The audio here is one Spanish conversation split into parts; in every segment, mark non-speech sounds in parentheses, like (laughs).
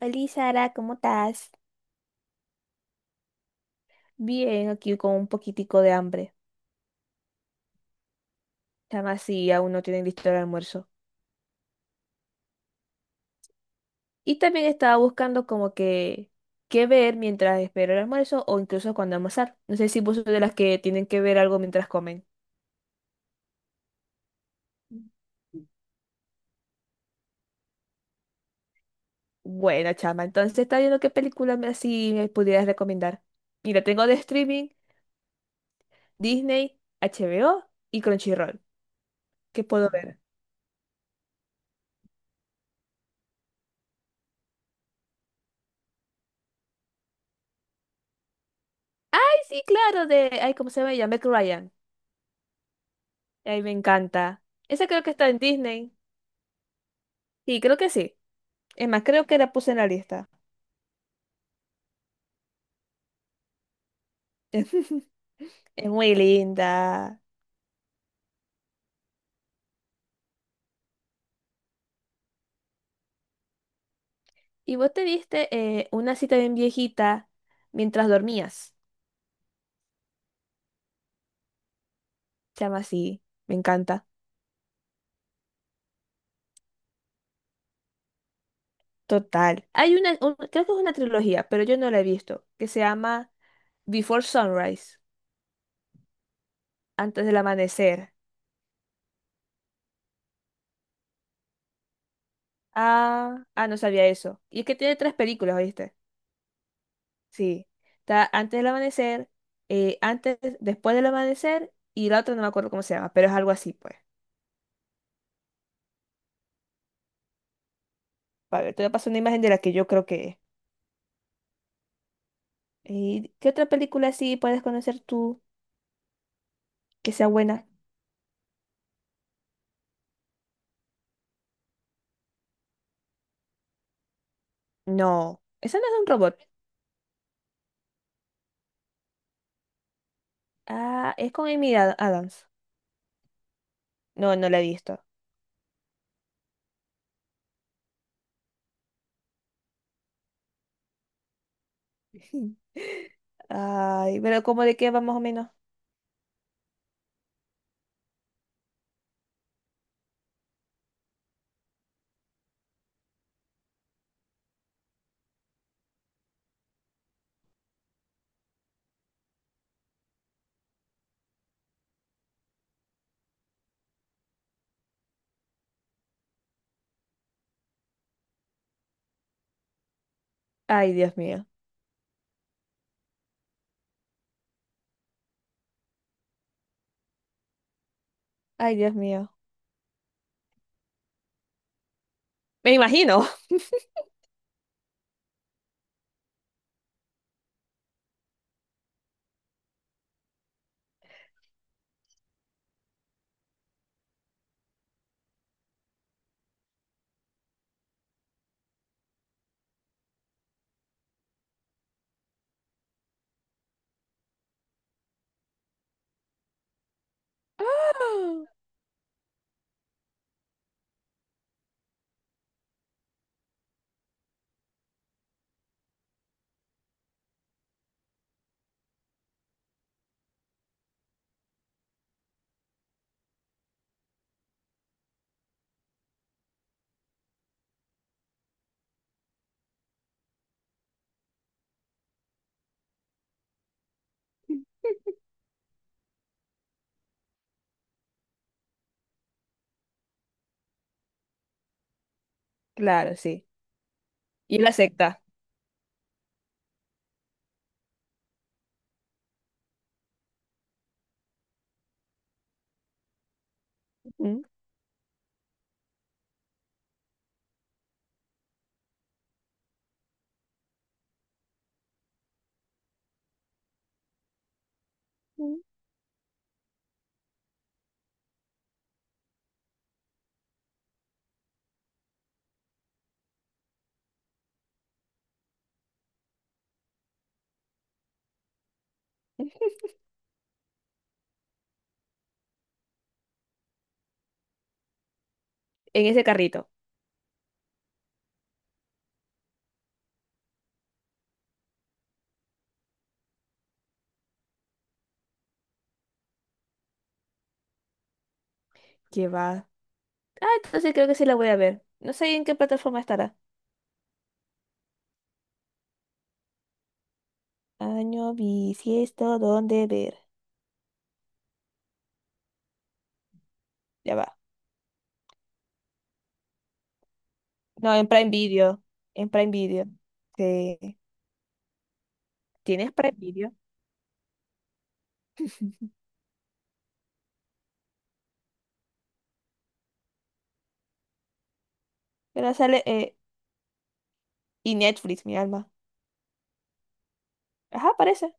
Hola Sara, ¿cómo estás? Bien, aquí con un poquitico de hambre. Chama sí, aún no tienen listo el almuerzo. Y también estaba buscando como que qué ver mientras espero el almuerzo o incluso cuando almorzar. No sé si vos sos de las que tienen que ver algo mientras comen. Buena chama, entonces está viendo qué película me así me pudieras recomendar. Mira, tengo de streaming Disney, HBO y Crunchyroll. ¿Qué puedo ver? Ay, sí, claro, de... Ay, ¿cómo se llama ella? Meg Ryan. Ay, me encanta. Esa creo que está en Disney. Sí, creo que sí. Es más, creo que la puse en la lista. (laughs) Es muy linda. ¿Y vos te viste una cita bien viejita mientras dormías? Se llama así. Me encanta. Total. Hay una, creo que es una trilogía, pero yo no la he visto, que se llama Before Sunrise, antes del amanecer. Ah, ah, no sabía eso. Y es que tiene tres películas, ¿oíste? Sí, está antes del amanecer, antes, después del amanecer y la otra no me acuerdo cómo se llama, pero es algo así, pues. A ver, te voy a pasar una imagen de la que yo creo que es. ¿Y qué otra película así puedes conocer tú que sea buena? No, esa no es de un robot. Ah, es con Adams. No, no la he visto. (laughs) Ay, pero ¿cómo de qué va más o menos? Ay, Dios mío. Ay, Dios mío. Me imagino. (laughs) Ah, claro, sí. Y la secta. Mm, mm. En ese carrito. Que va. Ah, entonces creo que sí la voy a ver. No sé en qué plataforma estará. Año bisiesto, ¿dónde ver? Ya va. No, en Prime Video. En Prime Video. Sí. ¿Tienes Prime Video? Pero sale. Y Netflix, mi alma. Ajá, parece.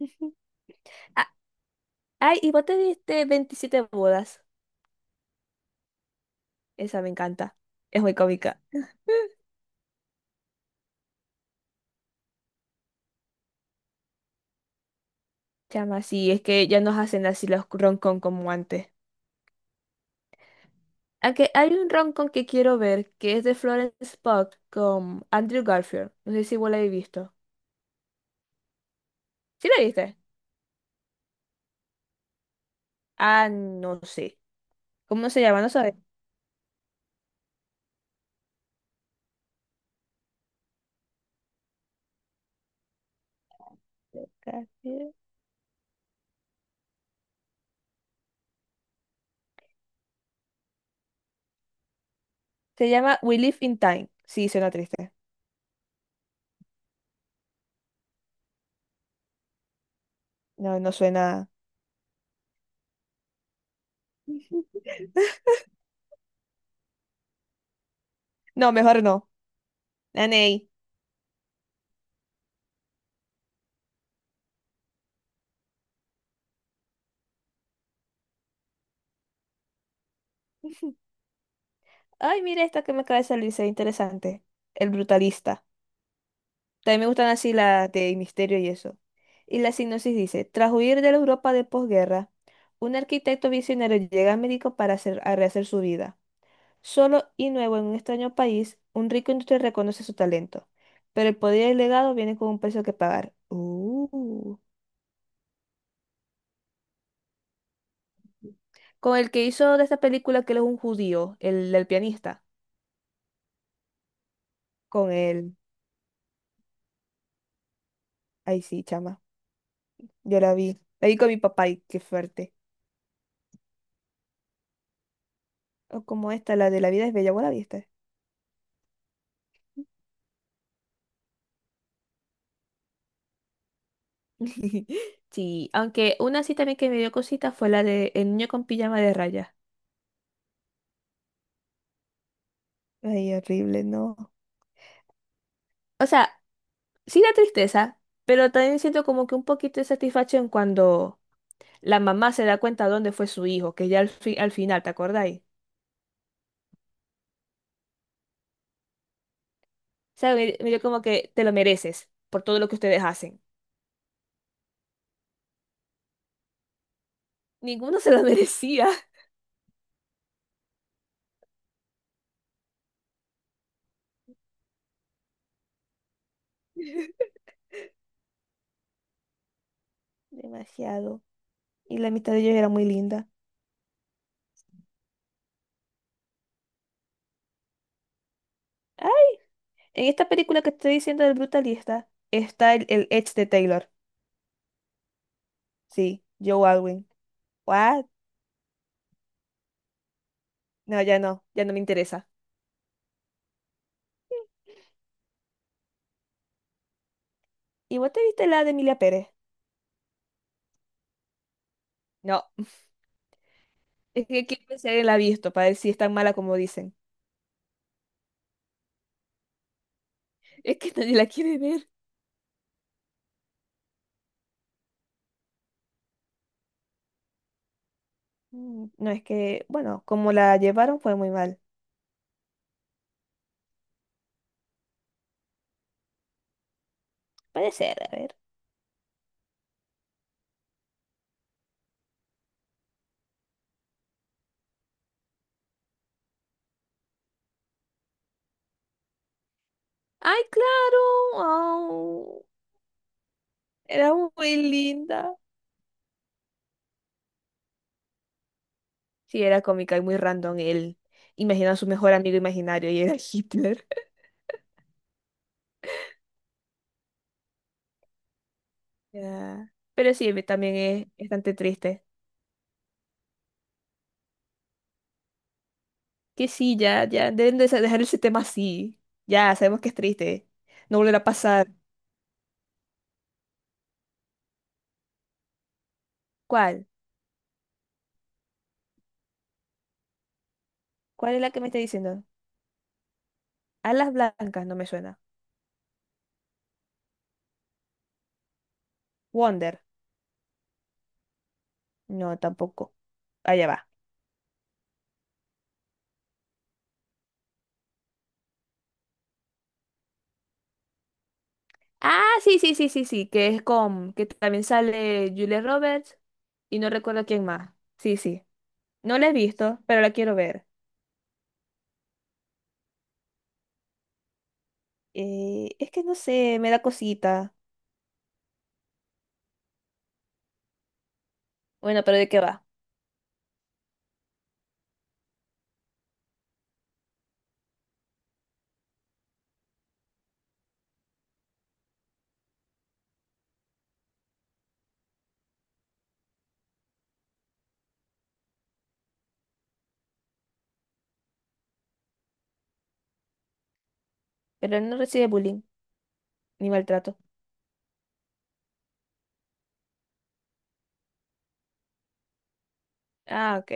(laughs) Ah, ay, y vos te viste 27 bodas. Esa me encanta. Es muy cómica. Chama, sí, es que ya nos hacen así los roncon como antes. Aunque hay un roncon que quiero ver que es de Florence Pugh con Andrew Garfield. No sé si vos la habéis visto. ¿Sí la viste? Ah, no sé. ¿Cómo se llama? No sabes. Se llama We Live in Time. Sí, suena triste. No, no suena. No, mejor no. Nanei. Ay, mira esta que me acaba de salir, se ve interesante. El brutalista. También me gustan así las de misterio y eso. Y la sinopsis dice: tras huir de la Europa de posguerra, un arquitecto visionario llega a México para hacer, a rehacer su vida. Solo y nuevo en un extraño país, un rico industrial reconoce su talento, pero el poder y el legado vienen con un precio que pagar. Con el que hizo de esta película que él es un judío, el del pianista. Con él. Ay, sí, chama. Yo la vi. La vi con mi papá y qué fuerte. O como esta, la de La vida es bella, ¿vos la viste? (laughs) Sí, aunque una sí también que me dio cosita fue la de El niño con pijama de rayas. Ay, horrible, no. O sea, sí da tristeza, pero también siento como que un poquito de satisfacción cuando la mamá se da cuenta dónde fue su hijo, que ya al final, ¿te acordáis? O sea, me dio como que te lo mereces por todo lo que ustedes hacen. Ninguno se lo (laughs) merecía. Demasiado. Y la amistad de ellos era muy linda. Ay, en esta película que te estoy diciendo del brutalista está el ex de Taylor. Sí, Joe Alwyn. ¿What? No, ya no, ya no me interesa. ¿Y vos te viste la de Emilia Pérez? No. Es que quiero ver si alguien la ha visto para ver si es tan mala como dicen. (laughs) Es que nadie la quiere ver. Mm, no, es que, bueno, como la llevaron fue muy mal. Puede ser, a ver. ¡Ay, claro! Au, era muy linda. Sí, era cómica y muy random él. Imagina a su mejor amigo imaginario y era (laughs) Hitler. Ya. Pero sí, también es bastante triste. Que sí, ya, ya, deben de dejar ese tema así. Ya, sabemos que es triste. No volverá a pasar. ¿Cuál? ¿Cuál es la que me está diciendo? Alas blancas, no me suena. Wonder, no, tampoco. Allá va. Ah, sí, sí, sí, sí, sí, que es con, que también sale Julia Roberts y no recuerdo quién más. Sí, sí. No la he visto, pero la quiero ver. Es que no sé, me da cosita. Bueno, pero ¿de qué va? Pero no recibe bullying ni maltrato. Ah, ok.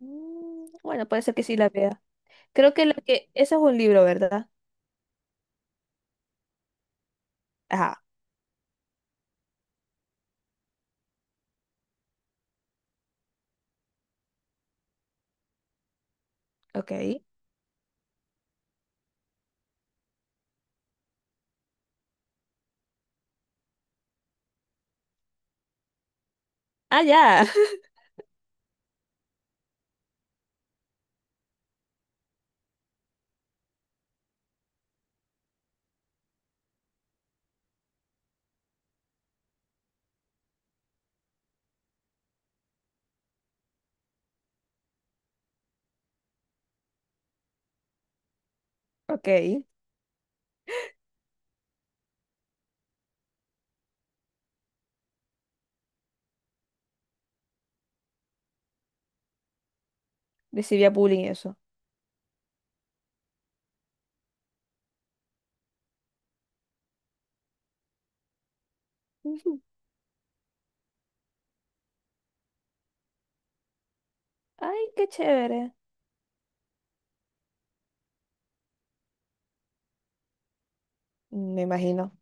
Mm, bueno, puede ser que sí la vea. Creo que lo que... Eso es un libro, ¿verdad? Ajá, ok. Ah, ya. (laughs) Ok. Recibía bullying eso. (laughs) Ay, qué chévere. Me imagino.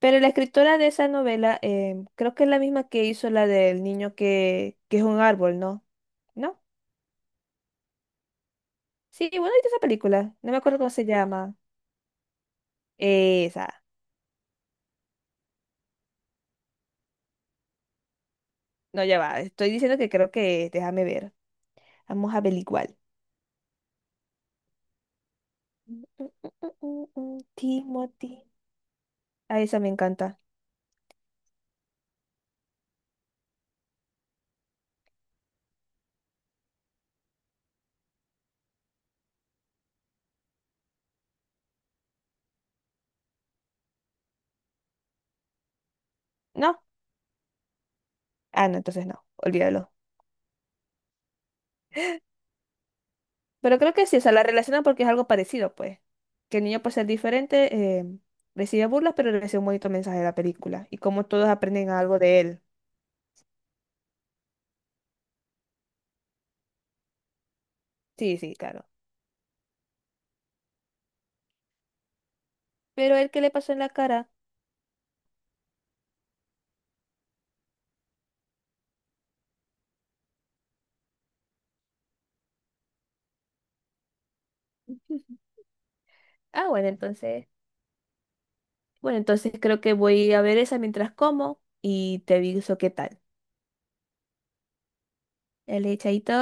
Pero la escritora de esa novela, creo que es la misma que hizo la del niño que es un árbol, ¿no? ¿No? Sí, bueno, ¿viste esa película? No me acuerdo cómo se llama. Esa. No, ya va. Estoy diciendo que creo que es. Déjame ver. Vamos a averiguar. Mm, mm, mm, mm, mm, mm. Timothy. Ah, esa me encanta. ¿No? Ah, no, entonces no. Olvídalo. Pero creo que sí, o sea, la relacionan porque es algo parecido, pues. Que el niño, por ser diferente, recibe burlas, pero recibe un bonito mensaje de la película. Y como todos aprenden algo de él. Sí, sí, claro. Pero el que le pasó en la cara. (laughs) Ah, bueno, entonces. Bueno, entonces creo que voy a ver esa mientras como y te aviso qué tal. El chaito.